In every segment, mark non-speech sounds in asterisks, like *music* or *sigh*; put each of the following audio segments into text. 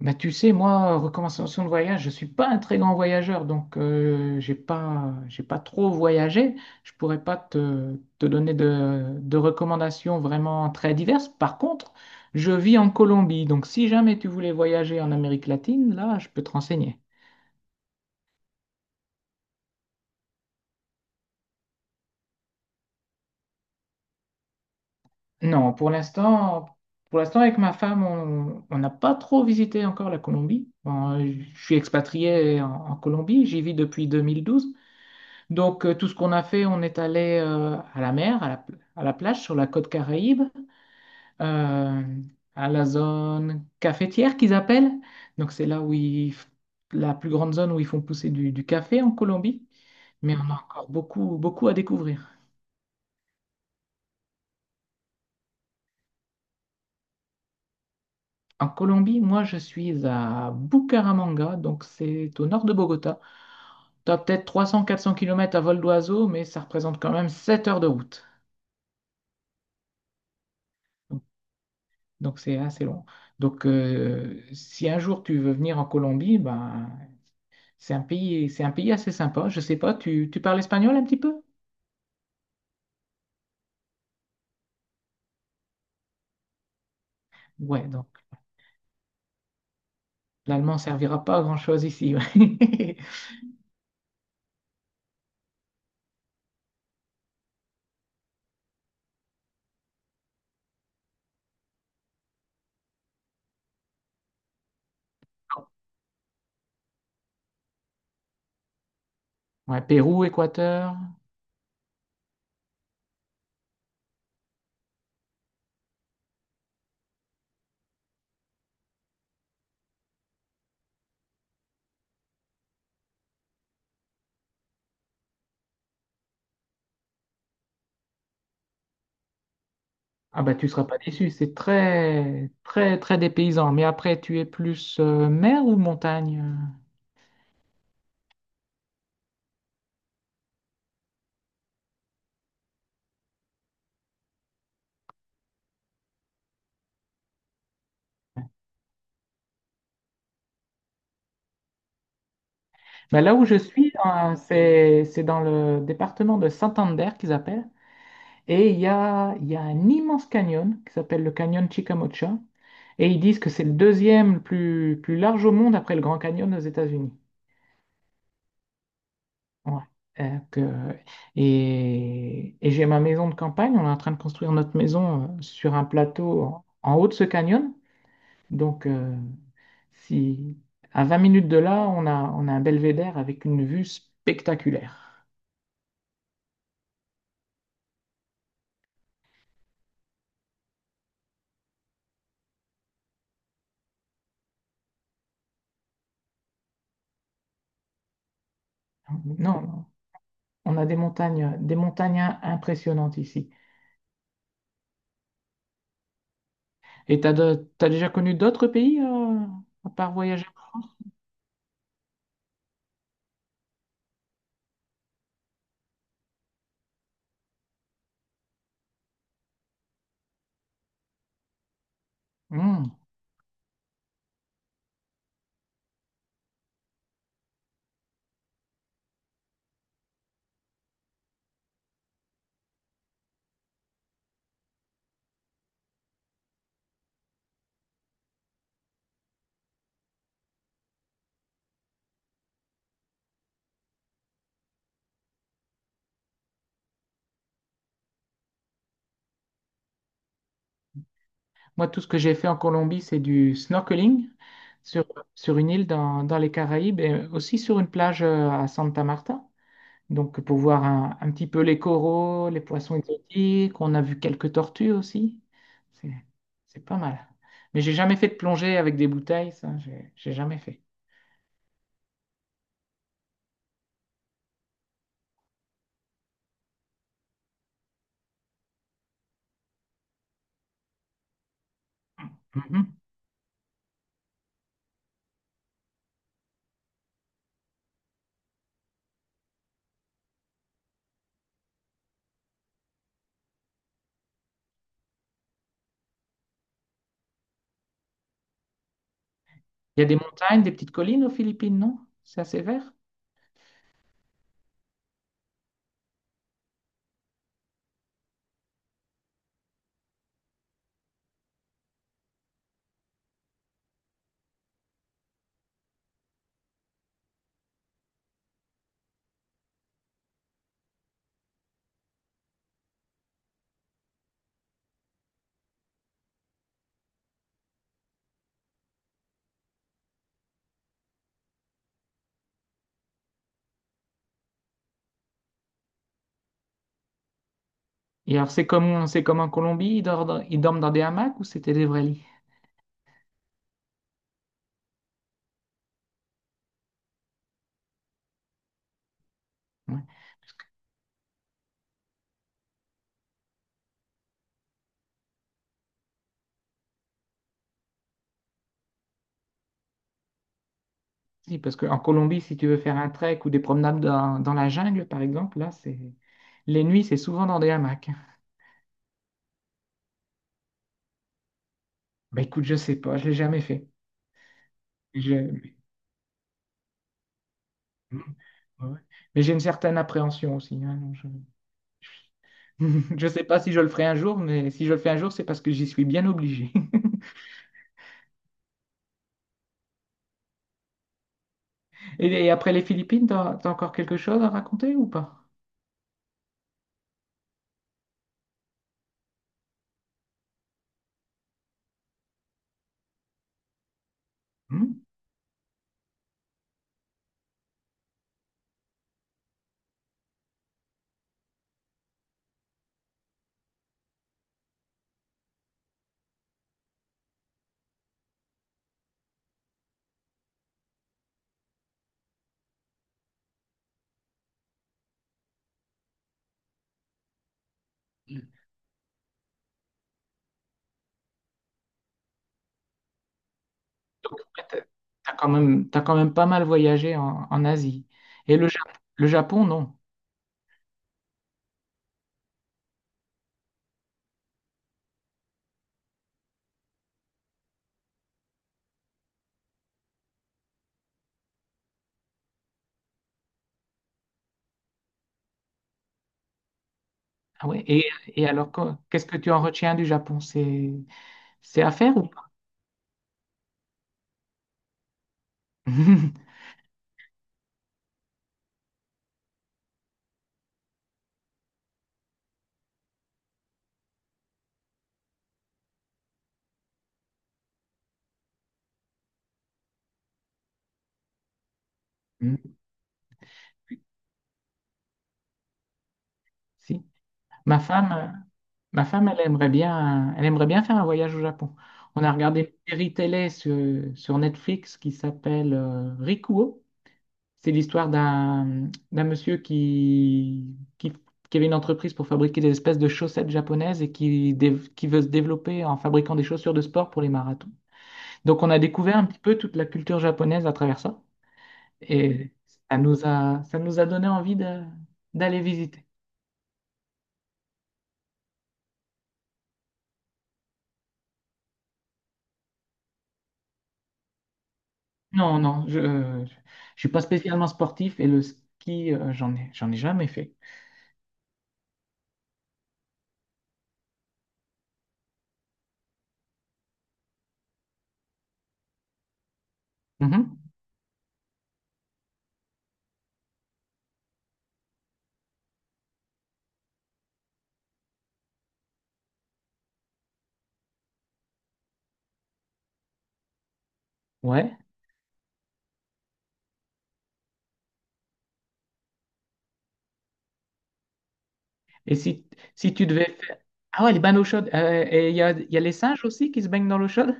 Bah, tu sais, moi, recommandation de voyage, je suis pas un très grand voyageur, donc j'ai pas trop voyagé. Je pourrais pas te donner de recommandations vraiment très diverses. Par contre, je vis en Colombie, donc si jamais tu voulais voyager en Amérique latine, là, je peux te renseigner. Non, pour l'instant, avec ma femme, on n'a pas trop visité encore la Colombie. Bon, je suis expatrié en Colombie, j'y vis depuis 2012. Donc, tout ce qu'on a fait, on est allé à la mer, à la plage, sur la côte Caraïbe, euh, à la zone cafetière qu'ils appellent. Donc, c'est là où ils, f- la plus grande zone où ils font pousser du café en Colombie. Mais on a encore beaucoup, beaucoup à découvrir. En Colombie, moi, je suis à Bucaramanga, donc c'est au nord de Bogota. Tu as peut-être 300-400 km à vol d'oiseau, mais ça représente quand même 7 heures de route. Donc c'est assez long. Donc si un jour tu veux venir en Colombie, ben, c'est un pays assez sympa. Je sais pas, tu parles espagnol un petit peu? Ouais, donc l'allemand servira pas à grand-chose ici. Ouais. *laughs* Ouais, Pérou, Équateur. Ah ben tu seras pas déçu, c'est très très très dépaysant. Mais après, tu es plus mer ou montagne? Ben, là où je suis, hein, c'est dans le département de Santander qu'ils appellent. Et il y a un immense canyon qui s'appelle le canyon Chicamocha. Et ils disent que c'est le deuxième le plus large au monde après le Grand Canyon aux États-Unis. Ouais. Euh, que- et j'ai ma maison de campagne. On est en train de construire notre maison sur un plateau en haut de ce canyon. Donc, si, à 20 minutes de là, on a un belvédère avec une vue spectaculaire. Non, non, on a des montagnes impressionnantes ici. Et t'as déjà connu d'autres pays à part voyager? Hmm. Moi, tout ce que j'ai fait en Colombie, c'est du snorkeling sur, sur une île dans les Caraïbes et aussi sur une plage à Santa Marta. Donc, pour voir un petit peu les coraux, les poissons exotiques, on a vu quelques tortues aussi. C'est, c'est pas mal. Mais j'ai jamais fait de plongée avec des bouteilles, ça, j'ai jamais fait. Mhm. Il y a des montagnes, des petites collines aux Philippines, non? C'est assez vert? Et alors, c'est comme en Colombie, ils dorment dans des hamacs ou c'était des vrais lits? Ouais. Si, parce qu'en Colombie, si tu veux faire un trek ou des promenades dans la jungle, par exemple, là, c'est les nuits, c'est souvent dans des hamacs. Bah écoute, je sais pas, je l'ai jamais fait. Je- Ouais. Ouais. Mais j'ai une certaine appréhension aussi, hein, non, je... *laughs* Je sais pas si je le ferai un jour, mais si je le fais un jour, c'est parce que j'y suis bien obligé. *laughs* Et après les Philippines, t'as, t'as encore quelque chose à raconter ou pas? Hmm. Donc, ouais, t'as quand même pas mal voyagé en Asie. Et le Japon, non. Ah ouais. Et alors, qu'est-ce que tu en retiens du Japon? C'est à faire ou pas? *laughs* Hmm. Si. Ma femme, euh, ma femme, elle aimerait bien faire un voyage au Japon. On a regardé une série télé sur Netflix qui s'appelle Rikuo. C'est l'histoire d'un monsieur qui avait une entreprise pour fabriquer des espèces de chaussettes japonaises et qui veut se développer en fabriquant des chaussures de sport pour les marathons. Donc on a découvert un petit peu toute la culture japonaise à travers ça et ça nous a donné d'aller visiter. Non, non, je ne suis pas spécialement sportif et le ski, j'en ai jamais fait. Mhm. Ouais. Et si, si tu devais faire... Ah ouais, les bains d'eau chaude. Et il y a les singes aussi qui se baignent dans l'eau chaude?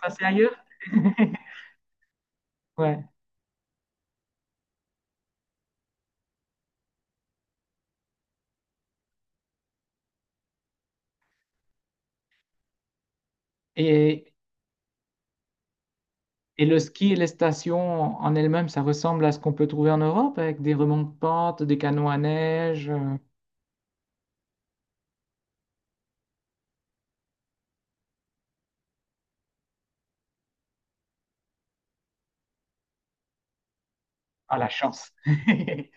Ça, c'est ailleurs? *laughs* Ouais. Et, et le ski et les stations en elles-mêmes, ça ressemble à ce qu'on peut trouver en Europe avec des remontes-pentes, des canots à neige. Ah, la chance! *laughs*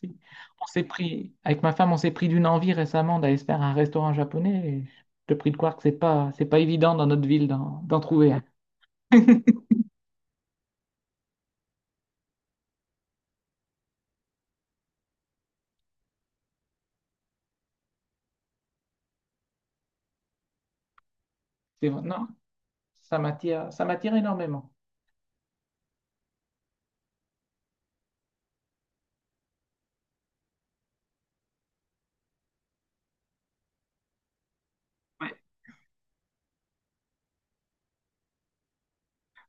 Si. On s'est pris, avec ma femme, on s'est pris d'une envie récemment d'aller se faire un restaurant japonais, et je te prie de croire que c'est pas évident dans notre ville d'en trouver un. *laughs* Non, ça m'attire énormément.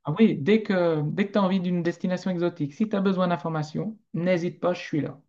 Ah oui, dès que tu as envie d'une destination exotique, si tu as besoin d'informations, n'hésite pas, je suis là.